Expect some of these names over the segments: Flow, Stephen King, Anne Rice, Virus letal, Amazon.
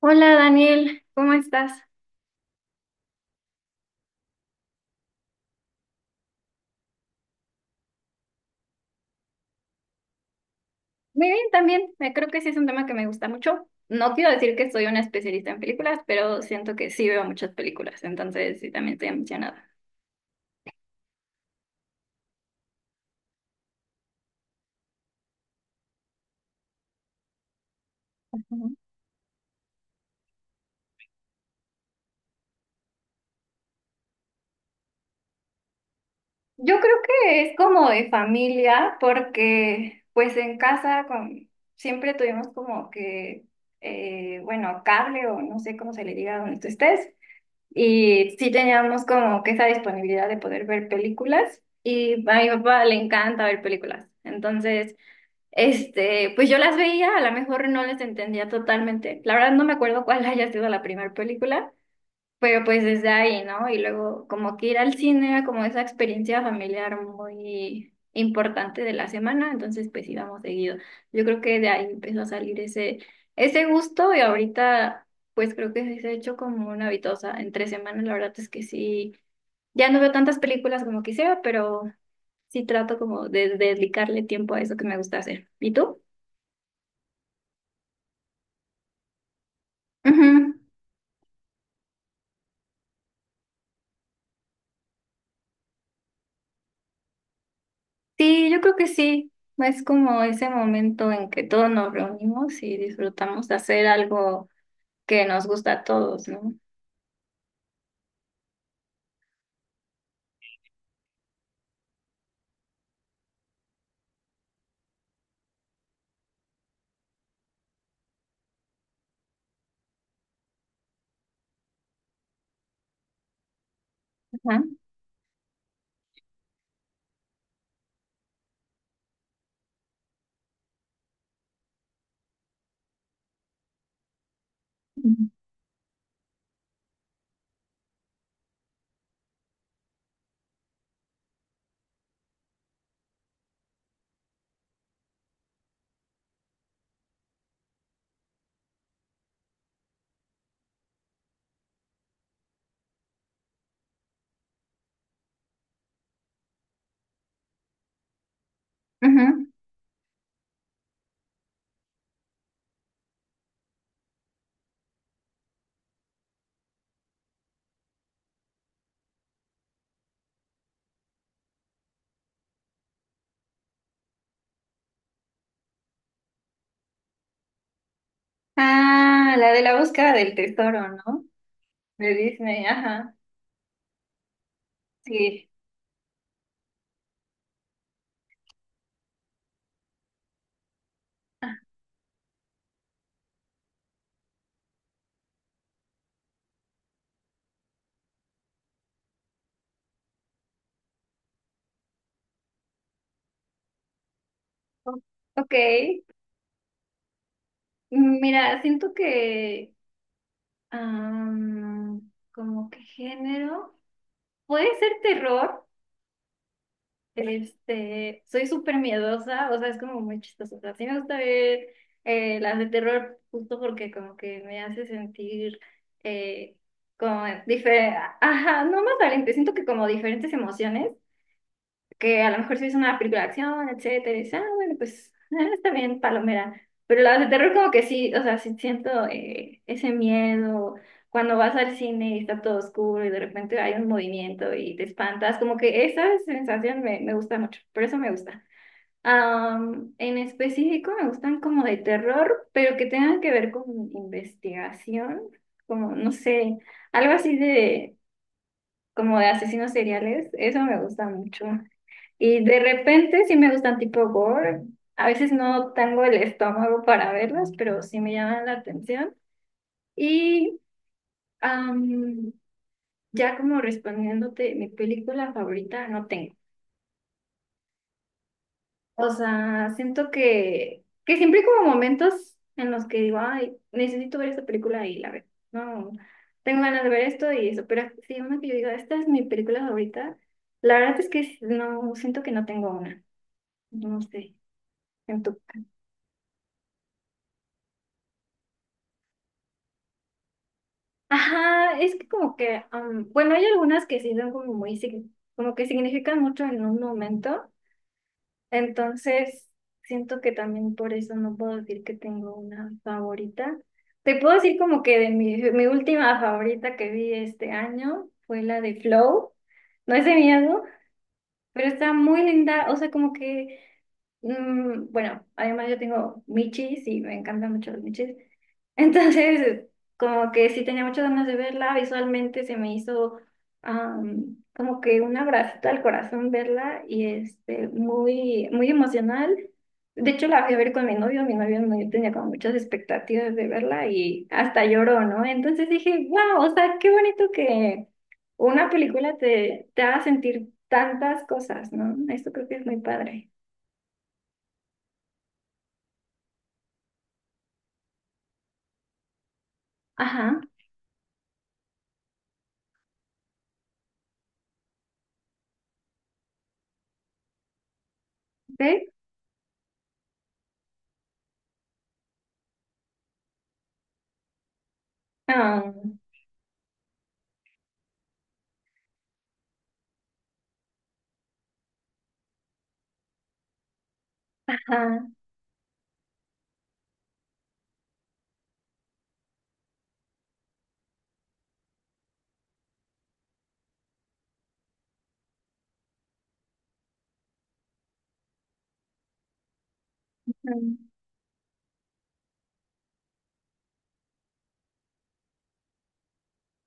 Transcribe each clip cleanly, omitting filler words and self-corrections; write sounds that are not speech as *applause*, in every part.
Hola Daniel, ¿cómo estás? Muy bien, también. Creo que sí es un tema que me gusta mucho. No quiero decir que soy una especialista en películas, pero siento que sí veo muchas películas, entonces sí también estoy emocionada. Ujú. Yo creo que es como de familia, porque pues en casa con, siempre tuvimos como que, bueno, cable o no sé cómo se le diga donde tú estés, y sí teníamos como que esa disponibilidad de poder ver películas, y a mi papá le encanta ver películas, entonces... Este, pues yo las veía, a lo mejor no les entendía totalmente. La verdad no me acuerdo cuál *laughs* haya sido la primera película, pero pues desde ahí, ¿no? Y luego como que ir al cine era como esa experiencia familiar muy importante de la semana, entonces pues íbamos seguido. Yo creo que de ahí empezó a salir ese gusto y ahorita pues creo que sí se ha hecho como una habitosa. Entre semanas la verdad es que sí, ya no veo tantas películas como quisiera, pero sí trato como de dedicarle tiempo a eso que me gusta hacer. ¿Y tú? Ujú. Sí, yo creo que sí. Es como ese momento en que todos nos reunimos y disfrutamos de hacer algo que nos gusta a todos, ¿no? Ajá. Ujú. Ujú. Ah, la de la búsqueda del tesoro, ¿no? De Disney, ajá. Sí. Ah, o- ok. Mira, siento que, como que género, puede ser terror. Este, soy súper miedosa, o sea, es como muy chistoso. O sea, sí me gusta ver las de terror justo porque como que me hace sentir eh, como diferente, ajá, no más valiente, siento que como diferentes emociones que a lo mejor si es una película de acción, etcétera, y dices, ah, bueno, pues *laughs* está bien, palomera. Pero las de terror como que sí, o sea, sí siento ese miedo. Cuando vas al cine y está todo oscuro y de repente hay un movimiento y te espantas, como que esa sensación me gusta mucho, por eso me gusta. En específico me gustan como de terror, pero que tengan que ver con investigación, como no sé, algo así de como de asesinos seriales, eso me gusta mucho. Y de repente sí me gustan tipo gore. A veces no tengo el estómago para verlas, pero sí me llaman la atención. Y am, ya como respondiéndote, mi película favorita no tengo. O sea, siento que siempre hay como momentos en los que digo, ay, necesito ver esta película y la veo. No, tengo ganas de ver esto y eso. Pero sí, una que yo digo, esta es mi película favorita. La verdad es que no, siento que no tengo una. No sé. En Ajá, es que como que, bueno, hay algunas que sí son como muy, como que significan mucho en un momento, entonces siento que también por eso no puedo decir que tengo una favorita. Te puedo decir como que de mi última favorita que vi este año fue la de Flow, no es de miedo, pero está muy linda, o sea, como que... Mm, bueno, además yo tengo michis y me encantan mucho los michis. *laughs* Entonces, como que sí tenía muchas ganas de verla, visualmente se me hizo como que un abracito al corazón verla y este, muy, muy emocional. De hecho, la fui a ver con mi novio no yo tenía como muchas expectativas de verla y hasta lloró, ¿no? Entonces dije, wow, o sea, qué bonito que una película te haga sentir tantas cosas, ¿no? Esto creo que es muy padre. Ajá. ¿Sí? Ah, ajá.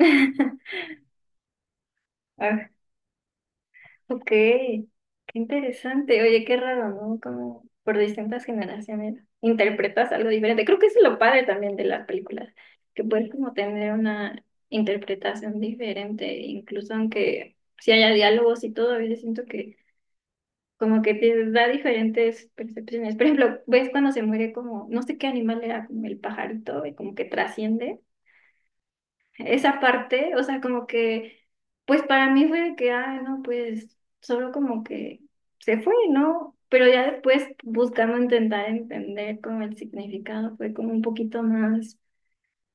Ah. *laughs* Ah, ok, qué interesante. Oye, qué raro, ¿no? Como por distintas generaciones interpretas algo diferente. Creo que eso es lo padre también de las películas, que puedes como tener una interpretación diferente, incluso aunque si haya diálogos y todo, a veces siento que como que te da diferentes percepciones. Por ejemplo, ves cuando se muere como, no sé qué animal era, como el pajarito, y como que trasciende esa parte, o sea, como que, pues para mí fue de que, ah, no, pues solo como que se fue, ¿no? Pero ya después buscando intentar entender como el significado, fue como un poquito más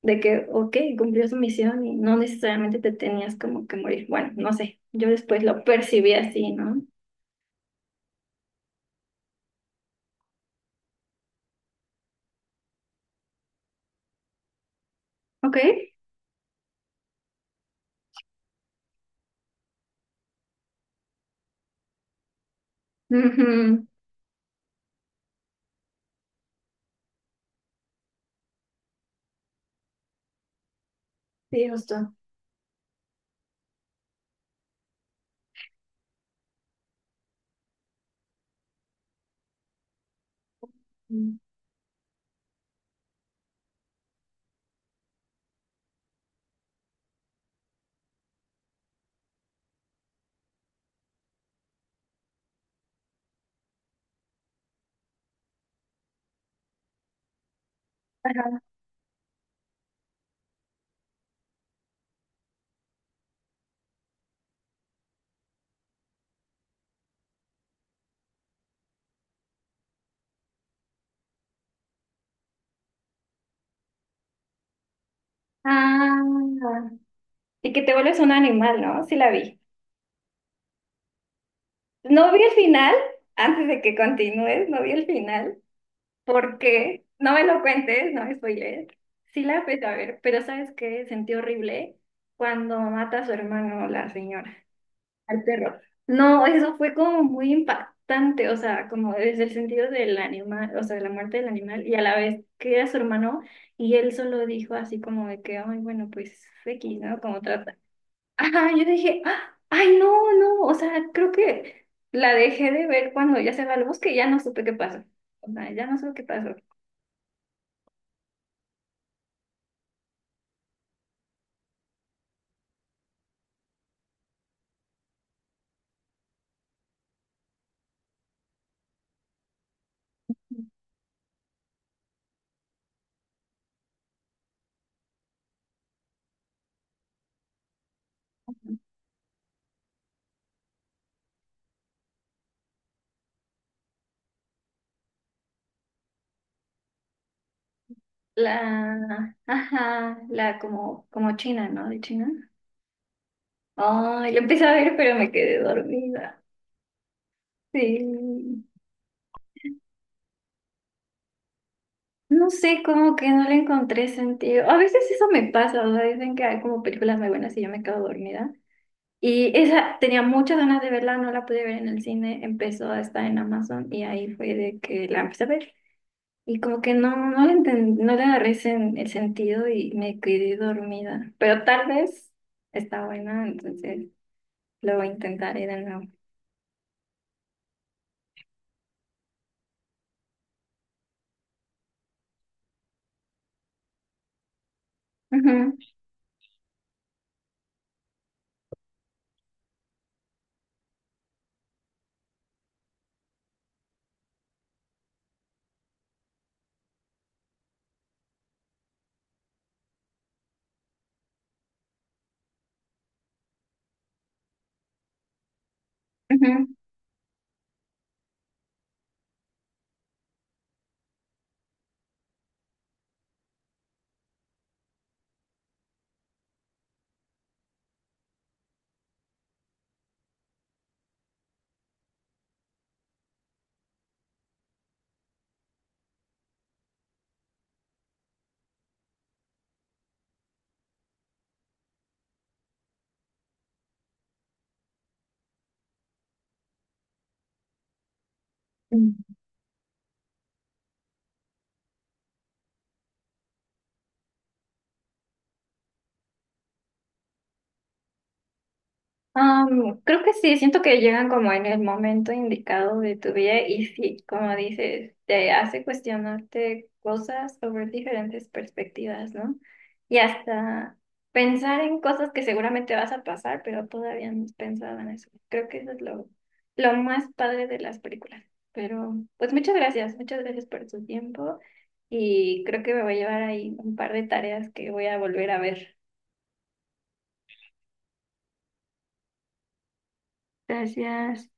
de que, ok, cumplió su misión y no necesariamente te tenías como que morir. Bueno, no sé, yo después lo percibí así, ¿no? Ok. Ujú. Sí, justo. Ajá. Ah, y que te vuelves un animal, ¿no? Sí la vi. No vi el final, antes de que continúes, no vi el final, porque no me lo cuentes, no me spoilees. Sí la empecé a ver, pero ¿sabes qué? Sentí horrible cuando mata a su hermano, la señora, al perro. No, eso fue como muy impactante, o sea, como desde el sentido del animal, o sea, de la muerte del animal, y a la vez que era su hermano, y él solo dijo así como de que, ay, bueno, pues X, ¿no? Como Ajá, yo dije, "Ah, ay, no, no, o sea, creo que la dejé de ver cuando ya se va al bosque y ya no supe qué pasó. O sea, ya no supe qué pasó. La, ajá, la como, como china, ¿no? De China. Ay, la empecé a ver, pero me quedé dormida. Sí. No sé, como que no le encontré sentido. A veces eso me pasa, o sea, dicen que hay como películas muy buenas y yo me quedo dormida. Y esa tenía muchas ganas de verla, no la pude ver en el cine, empezó a estar en Amazon y ahí fue de que la empecé a ver. Y como que no, no le no le el sentido y me quedé dormida. Pero tal vez está buena, entonces lo intentaré de nuevo. Ujú, ujú. Creo que sí, siento que llegan como en el momento indicado de tu vida y sí, como dices, te hace cuestionarte cosas o ver diferentes perspectivas, ¿no? Y hasta pensar en cosas que seguramente vas a pasar, pero todavía no has pensado en eso. Creo que eso es lo más padre de las películas. Pero pues muchas gracias por tu tiempo y creo que me voy a llevar ahí un par de tareas que voy a volver a ver. Gracias.